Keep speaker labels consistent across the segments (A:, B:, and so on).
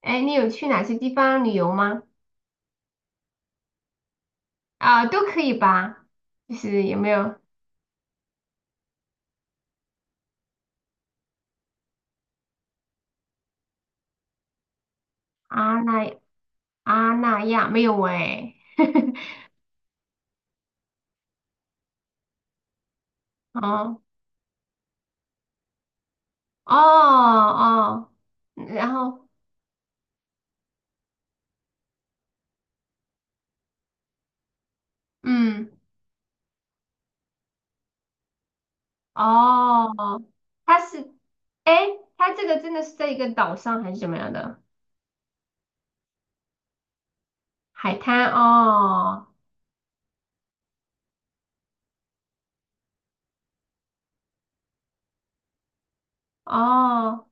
A: 哎，你有去哪些地方旅游吗？啊，都可以吧。就是有没有阿那阿那亚？没有哎。哦哦哦，然后嗯哦，它是哎，它这个真的是在一个岛上还是怎么样的海滩？哦哦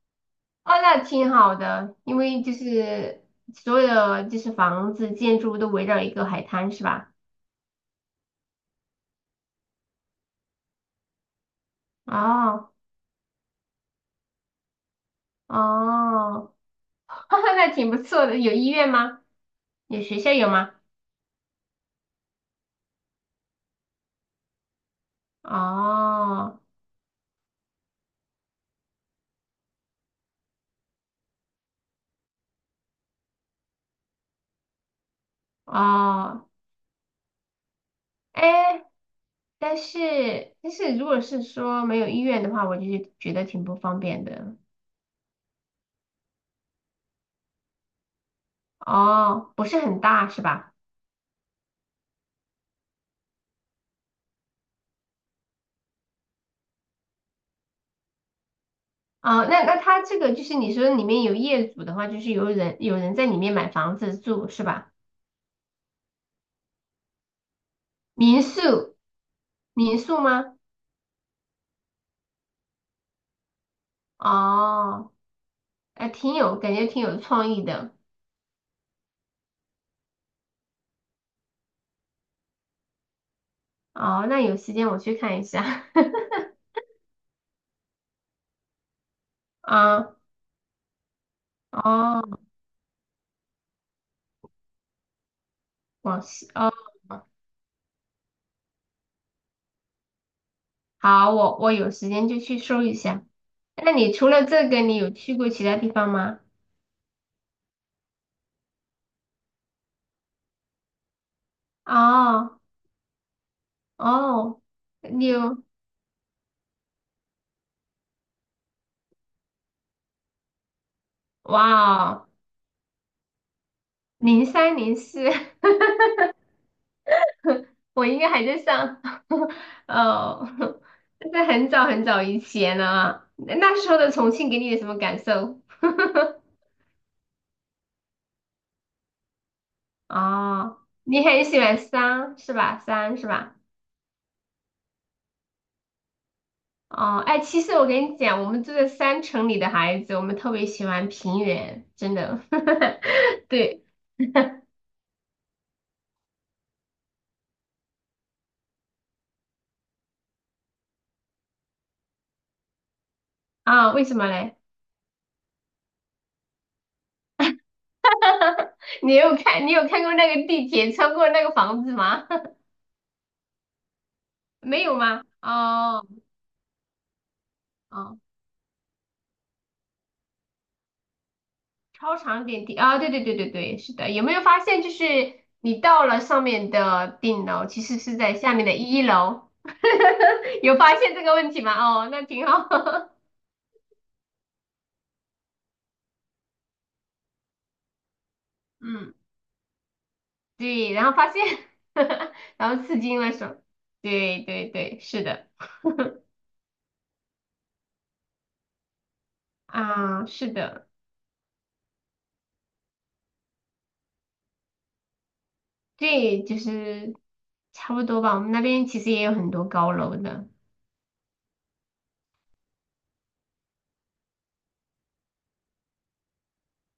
A: 哦，那挺好的，因为就是所有的就是房子建筑都围绕一个海滩是吧？哦哦 那挺不错的。有医院吗？有学校有吗？哦哦，哎，但是如果是说没有医院的话，我就觉得挺不方便的。哦，不是很大是吧？哦，那那他这个就是你说里面有业主的话，就是有人在里面买房子住是吧？民宿民宿吗？哦，哎，挺有感觉，挺有创意的。哦，那有时间我去看一下。啊，哦，广西哦。好，我有时间就去搜一下。那你除了这个，你有去过其他地方吗？哦哦，你有哇哦，03、04，我应该还在上 哦，那是很早很早以前了。那那时候的重庆给你有什么感受？哦，你很喜欢山是吧？山是吧？哦，哎，其实我跟你讲，我们住在山城里的孩子，我们特别喜欢平原，真的。对啊，为什么嘞？你有看过那个地铁穿过那个房子吗？没有吗？哦哦，超长点地啊，对对对对对，是的。有没有发现，就是你到了上面的顶楼，其实是在下面的一楼，有发现这个问题吗？哦，那挺好。嗯对，然后发现，然后刺激了手，对对对，是的，啊，是的，对，就是差不多吧。我们那边其实也有很多高楼的，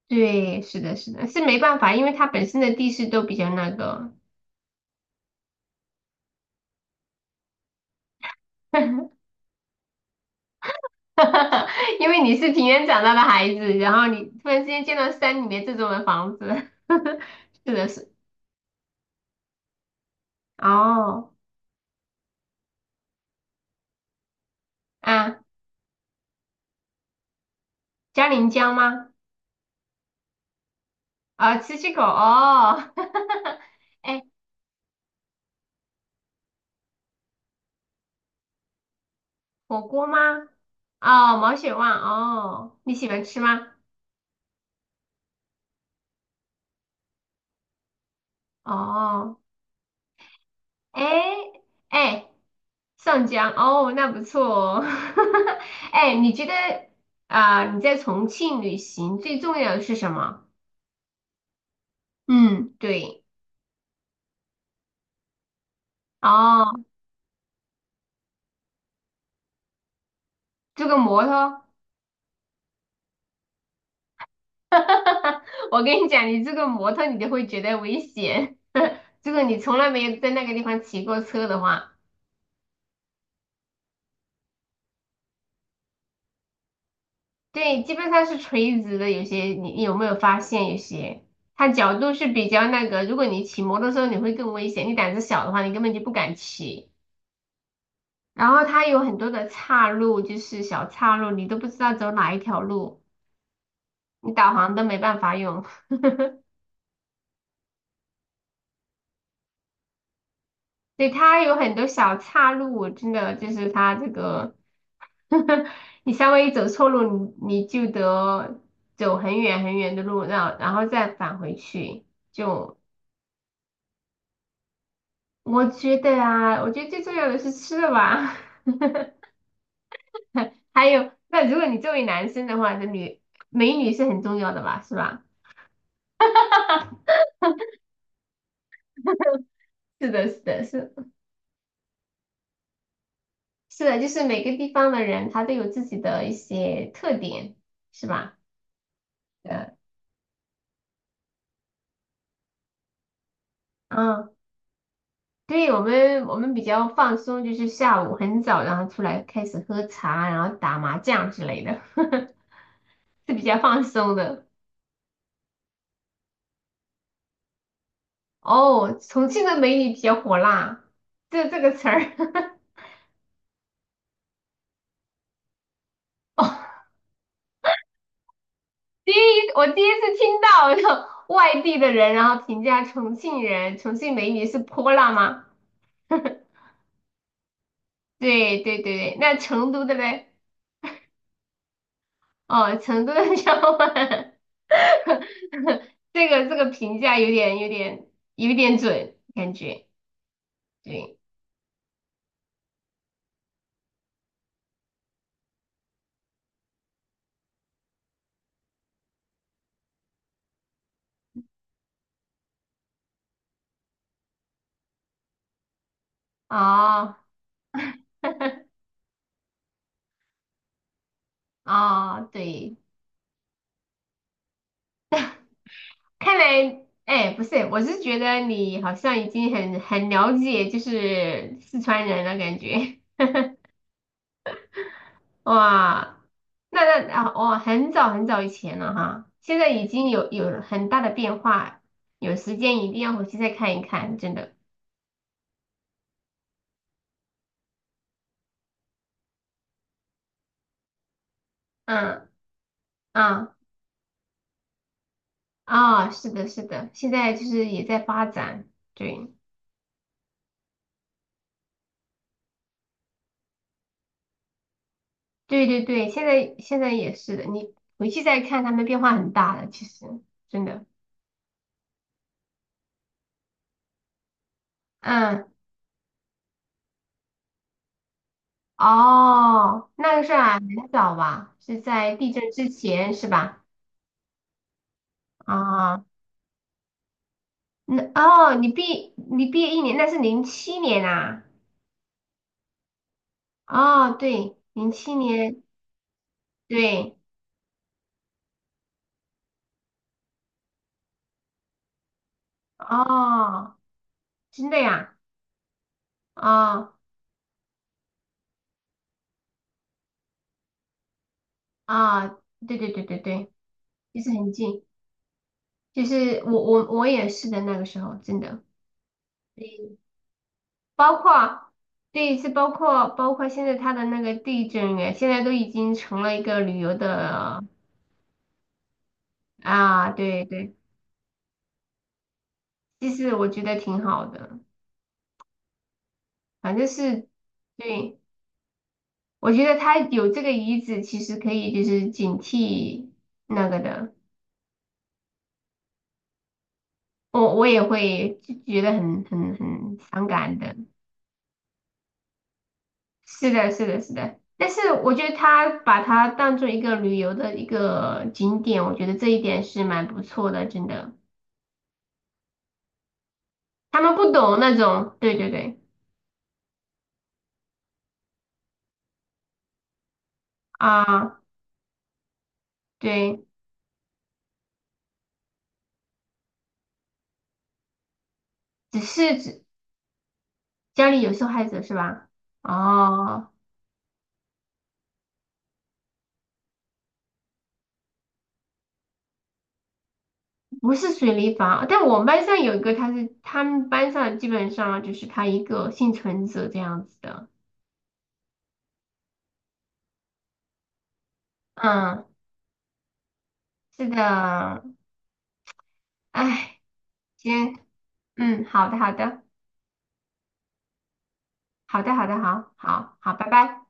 A: 对，是的，是的，是没办法，因为它本身的地势都比较那个，哈哈哈！因为你是平原长大的孩子，然后你突然之间见到山里面这种的房子，哈哈，是的是，哦，啊，嘉陵江吗？啊，七七口，哦。哎，火锅吗？哦，毛血旺哦，你喜欢吃吗？哦，哎哎，上江哦，那不错哦。哎，你觉得啊、你在重庆旅行最重要的是什么？嗯，对，哦，这个摩托，我跟你讲，你这个摩托你都会觉得危险。如果你从来没有在那个地方骑过车的话。对，基本上是垂直的。有些你有没有发现，有些它角度是比较那个。如果你骑摩托车，你会更危险。你胆子小的话，你根本就不敢骑。然后它有很多的岔路，就是小岔路，你都不知道走哪一条路，你导航都没办法用。对，它有很多小岔路，我真的就是它这个，你稍微一走错路，你就得走很远很远的路，然后再返回去，就我觉得啊，我觉得最重要的是吃的吧。还有，那如果你作为男生的话，美女是很重要的吧，是吧？是的，是的，是的，就是每个地方的人他都有自己的一些特点，是吧？呃，嗯，对，我们比较放松，就是下午很早，然后出来开始喝茶，然后打麻将之类的，是比较放松的。哦，重庆的美女比较火辣，这个词儿。第一，我第一次听到有外地的人，然后评价重庆人，重庆美女是泼辣吗？对对对对，那成都的嘞？哦，成都的小伙伴，这个评价有点准，感觉对，哦哦对，看来哎不是，我是觉得你好像已经很了解就是四川人了，感觉。哇，那啊，哦，很早很早以前了哈，现在已经有了很大的变化，有时间一定要回去再看一看，真的。嗯嗯啊，是的，是的，现在就是也在发展，对对对对，现在也是的，你回去再看，他们变化很大的，其实真的。嗯，哦，那个是啊，很早吧，是在地震之前是吧？啊。那哦，你毕业一年，那是零七年啊。哦，对，零七年，对，哦，真的呀，哦啊，对对对对对，就是很近，就是我也是的那个时候，真的，对，包括对，是包括现在他的那个地震哎，现在都已经成了一个旅游的啊，对对，其实我觉得挺好的，反正是对。我觉得他有这个遗址，其实可以就是警惕那个的。我也会就觉得很伤感的。是的，是的，是的。但是我觉得他把它当做一个旅游的一个景点，我觉得这一点是蛮不错的，真的。他们不懂那种，对对对，啊，对，只是只家里有受害者是吧？哦。不是水立方，但我们班上有一个，他是他们班上基本上就是他一个幸存者这样子的。嗯，是的，哎，行，嗯，好的，好的，好的，好的，好，好，好，拜拜。